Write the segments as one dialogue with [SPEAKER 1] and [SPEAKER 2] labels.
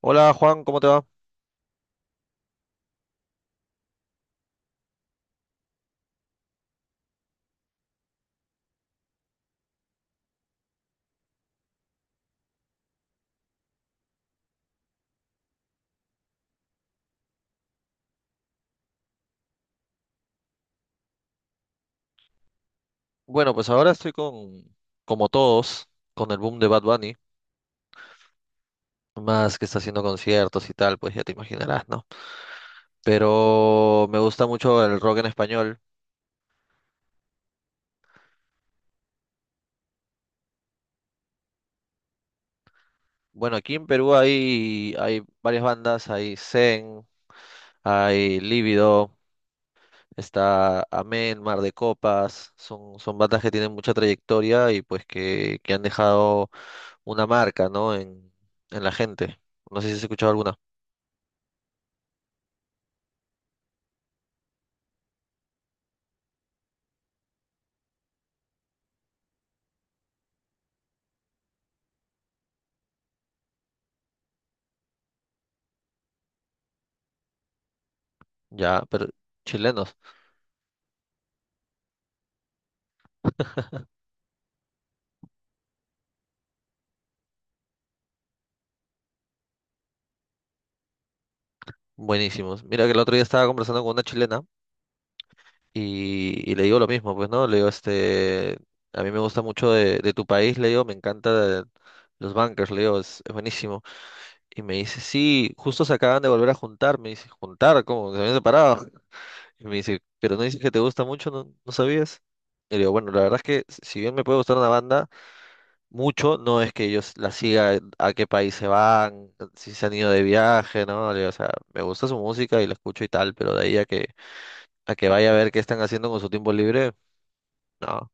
[SPEAKER 1] Hola Juan, ¿cómo te va? Bueno, pues ahora estoy con, como todos, con el boom de Bad Bunny, más que está haciendo conciertos y tal, pues ya te imaginarás, ¿no? Pero me gusta mucho el rock en español. Bueno, aquí en Perú hay varias bandas, hay Zen, hay Lívido, está Amén, Mar de Copas, son bandas que tienen mucha trayectoria y pues que han dejado una marca, ¿no? En la gente. No sé si has escuchado alguna. Ya, pero chilenos. Buenísimos. Mira que el otro día estaba conversando con una chilena y le digo lo mismo, pues, ¿no? Le digo, este, a mí me gusta mucho de tu país, le digo, me encanta los bunkers, le digo, es buenísimo. Y me dice, sí, justo se acaban de volver a juntar, me dice, ¿juntar? ¿Cómo? ¿Se habían separado? Y me dice, ¿pero no dices que te gusta mucho? ¿ no sabías? Y le digo, bueno, la verdad es que si bien me puede gustar una banda, mucho no es que yo la siga a qué país se van, si se han ido de viaje, ¿no? Le digo, o sea, me gusta su música y la escucho y tal, pero de ahí a que vaya a ver qué están haciendo con su tiempo libre. No,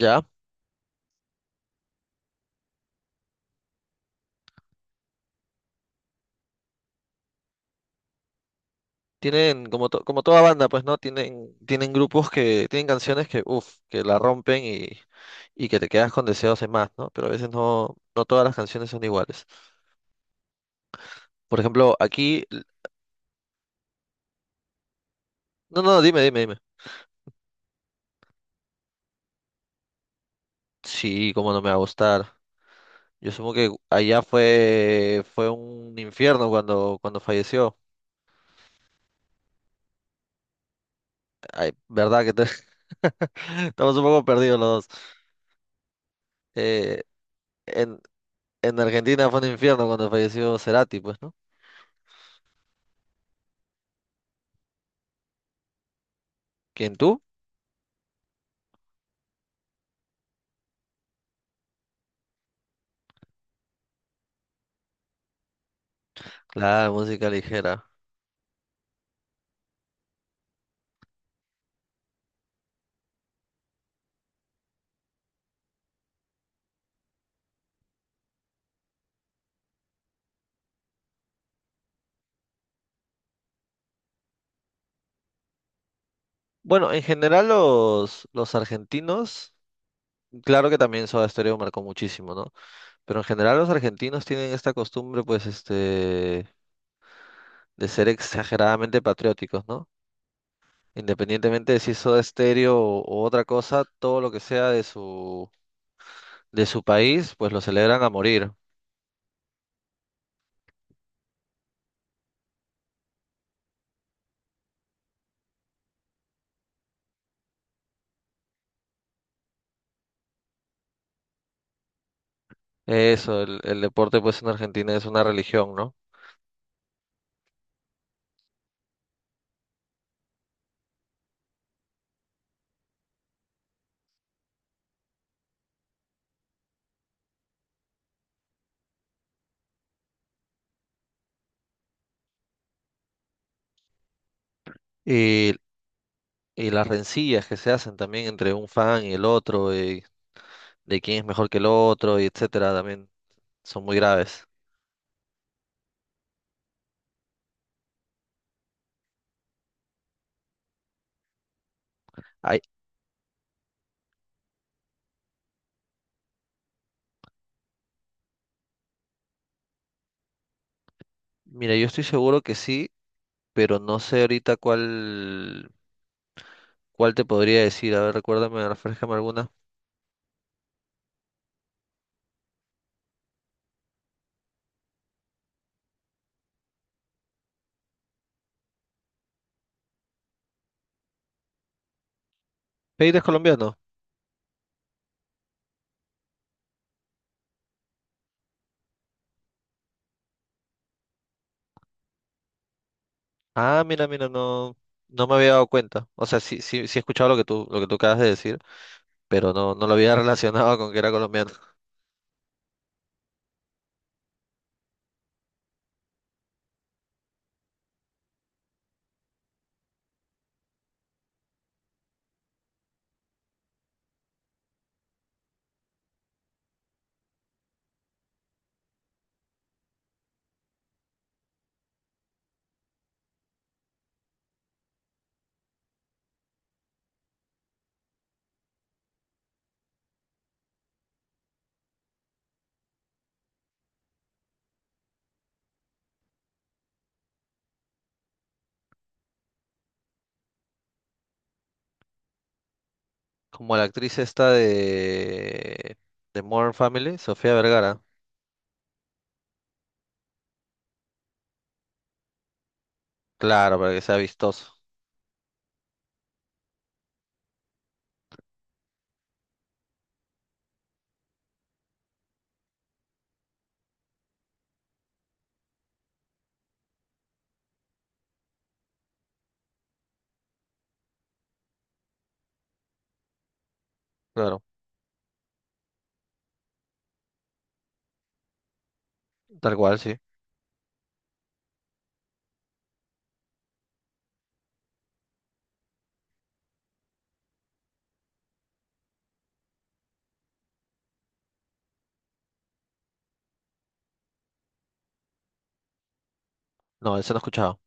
[SPEAKER 1] ya. Tienen, como, como toda banda, pues, ¿no? Tienen grupos que, tienen canciones que, uff, que la rompen y que te quedas con deseos de más, ¿no? Pero a veces no todas las canciones son iguales. Por ejemplo, aquí, no, no, dime. Sí, cómo no me va a gustar. Yo supongo que allá fue un infierno cuando falleció. Ay, verdad que te- estamos un poco perdidos los dos. Eh, en- En Argentina fue un infierno cuando falleció Cerati, pues, ¿no? ¿Quién tú? La música ligera. Bueno, en general los argentinos, claro que también Soda Stereo marcó muchísimo, ¿no? Pero en general los argentinos tienen esta costumbre, pues, este, de ser exageradamente patrióticos, ¿no? Independientemente de si es Soda Stereo o otra cosa, todo lo que sea de su país, pues lo celebran a morir. Eso, el deporte, pues, en Argentina es una religión, ¿no? Y Y las rencillas que se hacen también entre un fan y el otro, y de quién es mejor que el otro, y etcétera, también son muy graves. Ay, mira, yo estoy seguro que sí, pero no sé ahorita cuál, cuál te podría decir. A ver, recuérdame, refrescame alguna. ¿Pedir es colombiano? Ah, no, no me había dado cuenta. O sea, sí, sí, sí he escuchado lo que tú acabas de decir, pero no, no lo había relacionado con que era colombiano. Como la actriz esta de Modern Family, Sofía Vergara. Claro, para que sea vistoso. Claro, tal cual, sí. No, ese no he escuchado.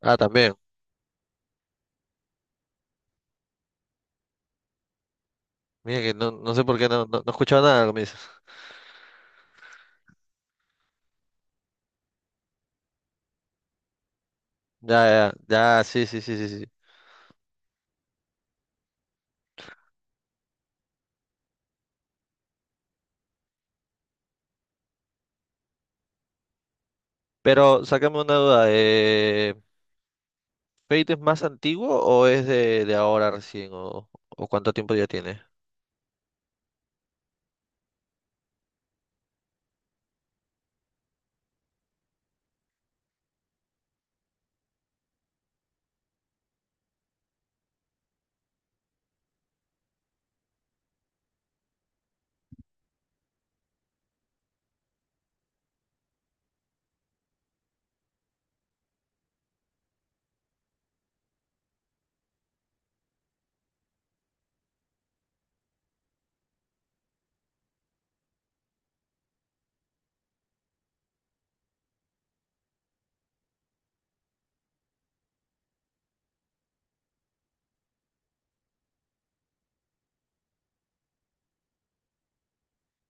[SPEAKER 1] Ah, también. Mira que no, no sé por qué no, no, no he escuchado nada, como dices. Ya, ya, ya, sí, sí, sí, sí, sí. Pero sácame una duda, ¿Fate es más antiguo o es de ahora recién? O cuánto tiempo ya tiene?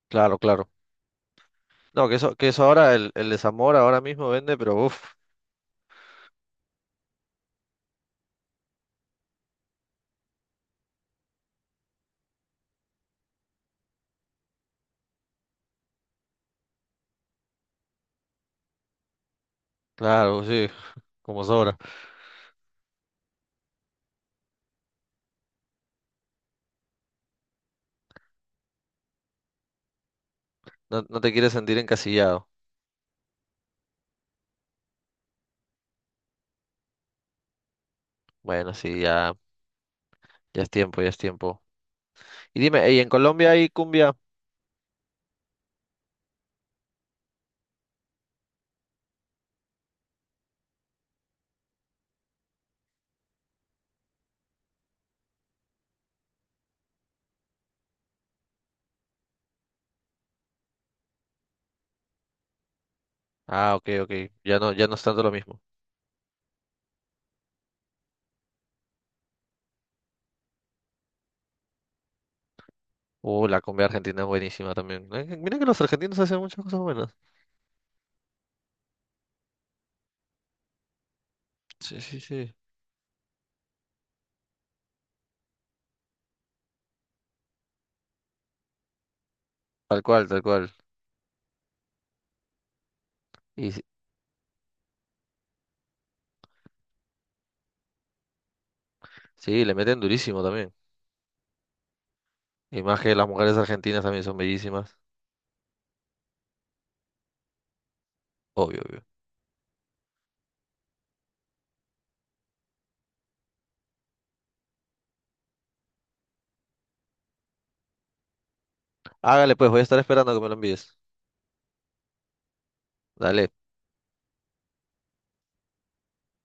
[SPEAKER 1] Claro, claro. No, que eso ahora, el desamor ahora mismo vende, pero uff, claro, sí, como sobra. No, no te quieres sentir encasillado. Bueno, sí, ya, ya es tiempo, ya es tiempo. Y dime, ¿y en Colombia hay cumbia? Ah, ok, ok. Ya no, ya no es tanto lo mismo. La comida argentina es buenísima también. Mira que los argentinos hacen muchas cosas buenas. Sí, sí, sí. Tal cual, tal cual. Y sí, sí, le meten durísimo también. Y más que las mujeres argentinas también son bellísimas. Obvio, obvio. Hágale pues, voy a estar esperando a que me lo envíes. Dale.